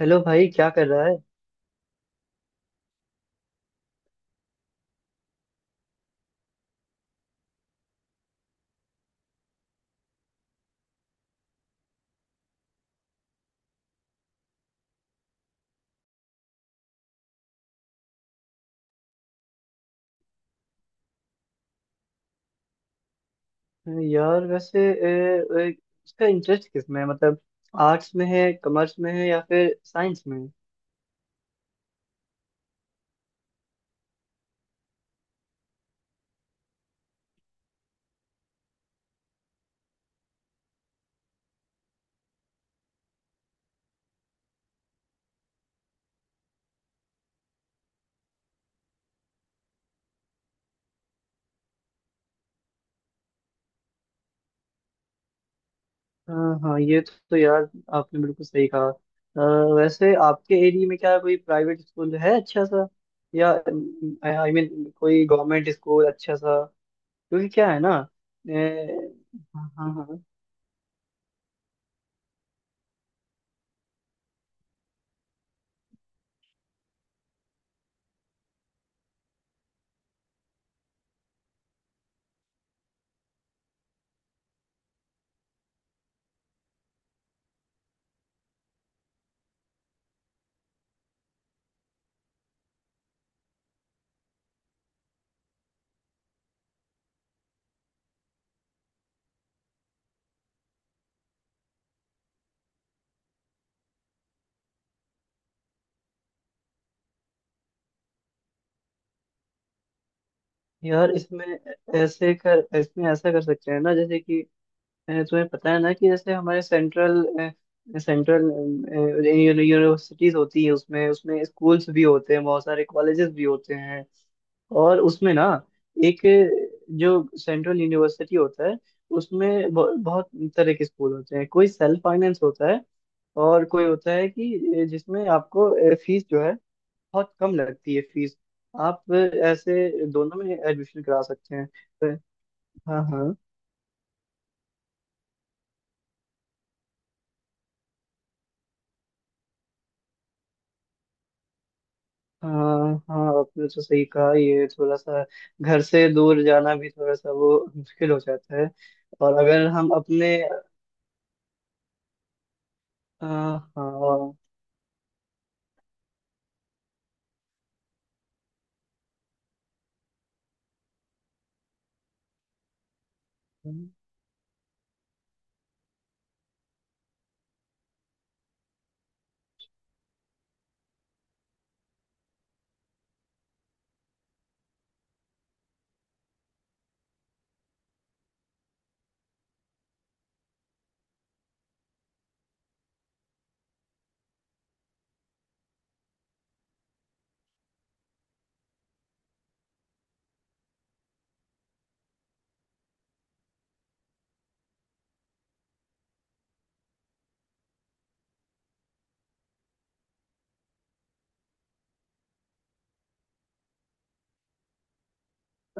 Hello भाई, क्या कर रहा है यार? वैसे ए, ए, इसका इंटरेस्ट किस में है, मतलब आर्ट्स में है, कॉमर्स में है या फिर साइंस में है? हाँ हाँ, ये तो यार, आपने बिल्कुल सही कहा। वैसे आपके एरिया में क्या कोई प्राइवेट स्कूल है अच्छा सा, या आई मीन कोई गवर्नमेंट स्कूल अच्छा सा? क्योंकि क्या है ना। ए, हाँ हाँ हाँ। यार, इसमें ऐसे कर इसमें ऐसा कर सकते हैं ना, जैसे कि तुम्हें पता है ना कि जैसे हमारे सेंट्रल सेंट्रल यूनिवर्सिटीज होती है, उसमें उसमें स्कूल्स भी होते हैं, बहुत सारे कॉलेजेस भी होते हैं। और उसमें ना एक जो सेंट्रल यूनिवर्सिटी होता है, उसमें बहुत तरह के स्कूल होते हैं, कोई सेल्फ फाइनेंस होता है, और कोई होता है कि जिसमें आपको फीस जो है बहुत कम लगती है। फीस आप ऐसे दोनों में एडमिशन करा सकते हैं। अ, हाँ हाँ हाँ, आपने तो सही कहा, ये थोड़ा सा घर से दूर जाना भी थोड़ा सा वो मुश्किल हो जाता है। और अगर हम अपने आ,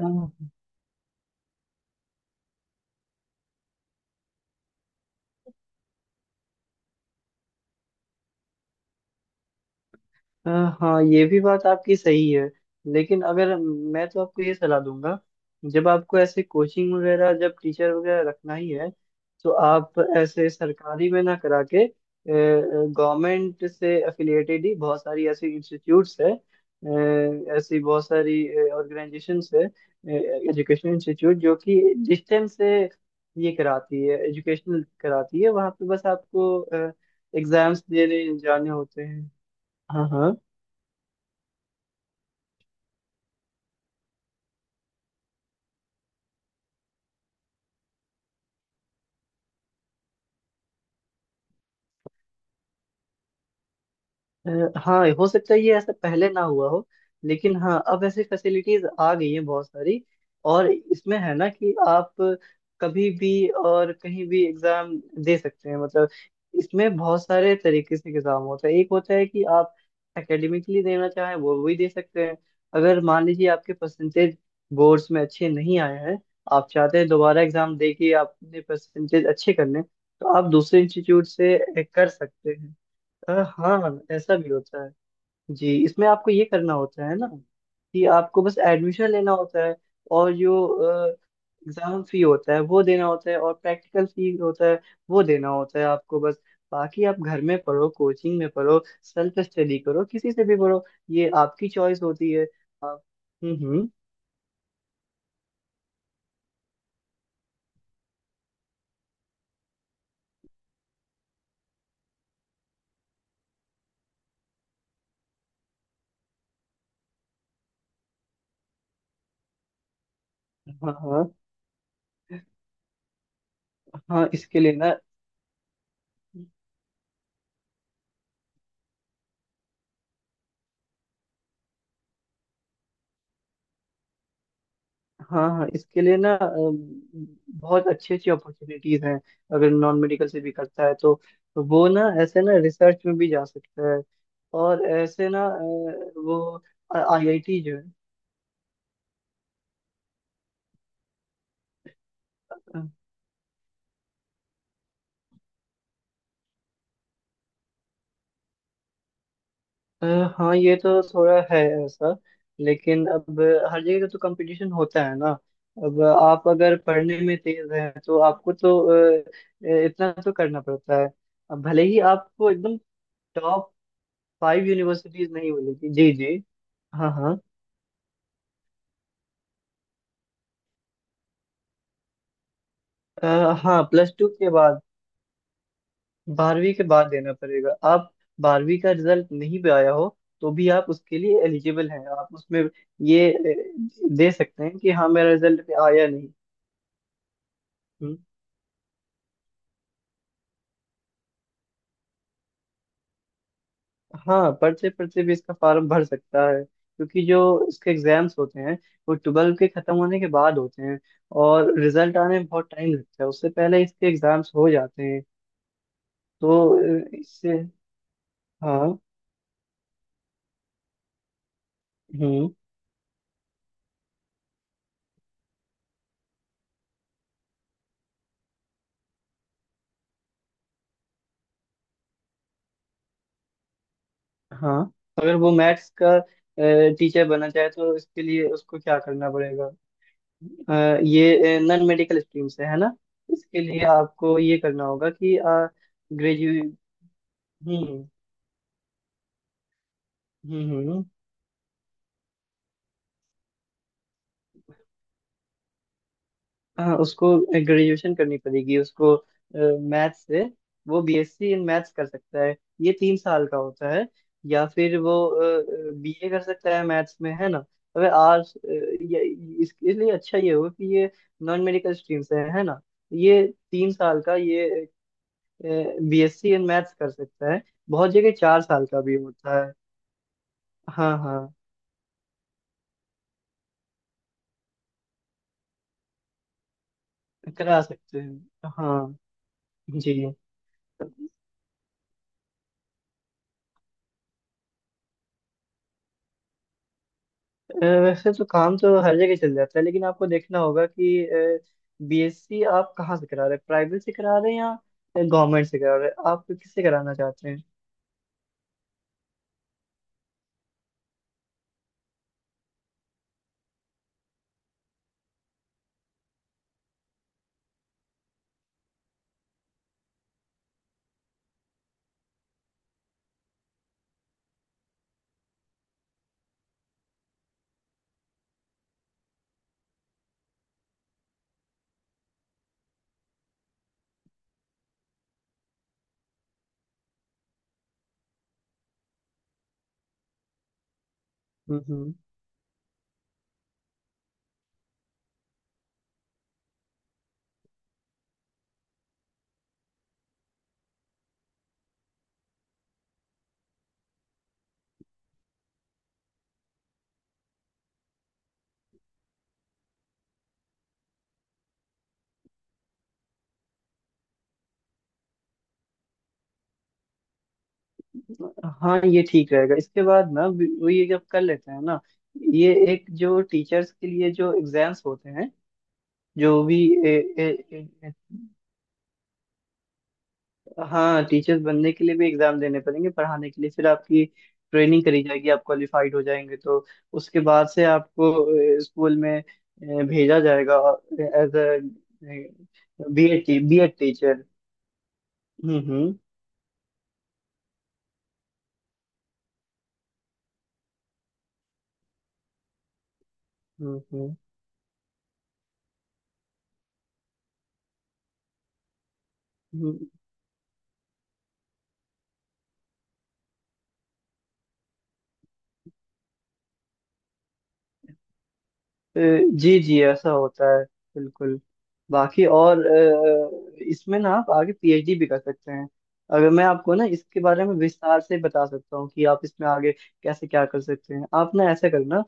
हाँ। अ, हाँ, ये भी बात आपकी सही है, लेकिन अगर मैं तो आपको ये सलाह दूंगा, जब आपको ऐसे कोचिंग वगैरह, जब टीचर वगैरह रखना ही है, तो आप ऐसे सरकारी में ना करा के, गवर्नमेंट से एफिलिएटेड ही बहुत सारी ऐसी इंस्टीट्यूट्स है, ऐसी बहुत सारी ऑर्गेनाइजेशंस है, एजुकेशन इंस्टीट्यूट, जो कि डिस्टेंस से ये कराती है, एजुकेशनल कराती है, वहाँ पे बस आपको एग्जाम्स देने जाने होते हैं। हाँ हाँ, अ, हाँ, हो सकता है ये ऐसा पहले ना हुआ हो, लेकिन हाँ, अब ऐसी फैसिलिटीज आ गई हैं बहुत सारी। और इसमें है ना कि आप कभी भी और कहीं भी एग्जाम दे सकते हैं, मतलब इसमें बहुत सारे तरीके से एग्जाम होता है। एक होता है कि आप एकेडमिकली देना चाहें, वो भी दे सकते हैं। अगर मान लीजिए आपके परसेंटेज बोर्ड्स में अच्छे नहीं आए हैं, आप चाहते हैं दोबारा एग्जाम दे के आपने परसेंटेज अच्छे करने, तो आप दूसरे इंस्टीट्यूट से कर सकते हैं। हाँ, ऐसा भी होता है। जी, इसमें आपको ये करना होता है ना कि आपको बस एडमिशन लेना होता है, और जो एग्जाम फी होता है वो देना होता है, और प्रैक्टिकल फी होता है वो देना होता है आपको, बस। बाकी आप घर में पढ़ो, कोचिंग में पढ़ो, सेल्फ स्टडी करो, किसी से भी पढ़ो, ये आपकी चॉइस होती है। आप। हम्म। हाँ हाँ, हाँ इसके लिए ना, हाँ हाँ, इसके लिए ना बहुत अच्छी अच्छी अपॉर्चुनिटीज हैं। अगर नॉन मेडिकल से भी करता है तो वो ना ऐसे ना रिसर्च में भी जा सकता है, और ऐसे ना वो आईआईटी जो है। अ, हाँ, ये तो थोड़ा है ऐसा, लेकिन अब हर जगह का तो कंपटीशन होता है ना। अब आप अगर पढ़ने में तेज हैं, तो आपको तो इतना तो करना पड़ता है। अब भले ही आपको एकदम फाइव यूनिवर्सिटीज नहीं बोली थी, जी जी। हाँ हाँ, अ, हाँ, प्लस टू के बाद, बारहवीं के बाद देना पड़ेगा। आप बारहवीं का रिजल्ट नहीं भी आया हो, तो भी आप उसके लिए एलिजिबल हैं। आप उसमें ये दे सकते हैं कि हाँ, मेरा रिजल्ट पे आया नहीं। हम्म, हाँ, पढ़ते पढ़ते भी इसका फॉर्म भर सकता है, क्योंकि जो इसके एग्जाम्स होते हैं वो ट्वेल्व के खत्म होने के बाद होते हैं, और रिजल्ट आने में बहुत टाइम लगता है, उससे पहले इसके एग्जाम्स हो जाते हैं, तो इससे हाँ। हम्म। हाँ, अगर वो मैथ्स का टीचर बनना चाहे, तो इसके लिए उसको क्या करना पड़ेगा? ये नॉन मेडिकल स्ट्रीम से है ना, इसके लिए आपको ये करना होगा कि ग्रेजुएट। हम्म हम्म। हाँ, उसको ग्रेजुएशन करनी पड़ेगी उसको मैथ्स से। वो बीएससी इन मैथ्स कर सकता है, ये 3 साल का होता है। या फिर वो बीए कर सकता है मैथ्स में, है ना। अबे आर्ट्स ये इसलिए अच्छा ये हुआ कि ये नॉन मेडिकल स्ट्रीम से है ना। ये 3 साल का ये बीएससी इन मैथ्स कर सकता है, बहुत जगह 4 साल का भी होता है। हाँ हाँ, करा सकते हैं, हाँ। जी, वैसे तो काम तो हर जगह चल जाता है, लेकिन आपको देखना होगा कि बीएससी आप कहाँ से करा रहे हैं, प्राइवेट से करा रहे हैं या गवर्नमेंट से करा रहे हैं, आप किससे कराना चाहते हैं? हम्म हम्म। हाँ, ये ठीक रहेगा इसके बाद ना वो ये जब कर लेते हैं ना। ये एक जो टीचर्स के लिए जो एग्जाम्स होते हैं, जो भी। हाँ, टीचर्स बनने के लिए भी एग्जाम देने पड़ेंगे पढ़ाने के लिए, फिर आपकी ट्रेनिंग करी जाएगी, आप क्वालिफाइड हो जाएंगे, तो उसके बाद से आपको स्कूल में भेजा जाएगा, as uh BEd BEd teacher. हम्म। हम्म हम्म, जी जी, ऐसा होता है, बिल्कुल। बाकी और इसमें ना आप आगे पीएचडी भी कर सकते हैं। अगर मैं आपको ना इसके बारे में विस्तार से बता सकता हूँ कि आप इसमें आगे कैसे क्या कर सकते हैं, आप ना ऐसा करना,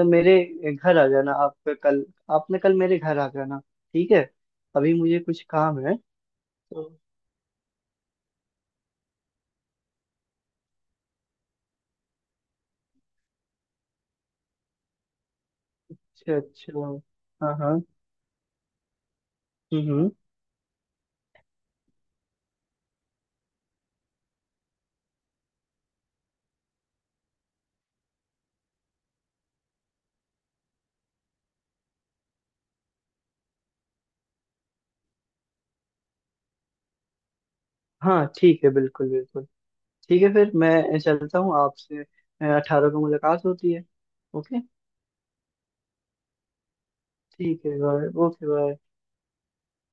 मेरे घर आ जाना आप, कल। आपने कल मेरे घर आ जाना, ठीक है? अभी मुझे कुछ काम है तो। अच्छा अच्छा। हाँ हाँ। हम्म। हाँ ठीक है, बिल्कुल बिल्कुल। ठीक है, फिर मैं चलता हूँ आपसे। 18 को मुलाकात होती है। ओके। ठीक है भाई, ओके भाई।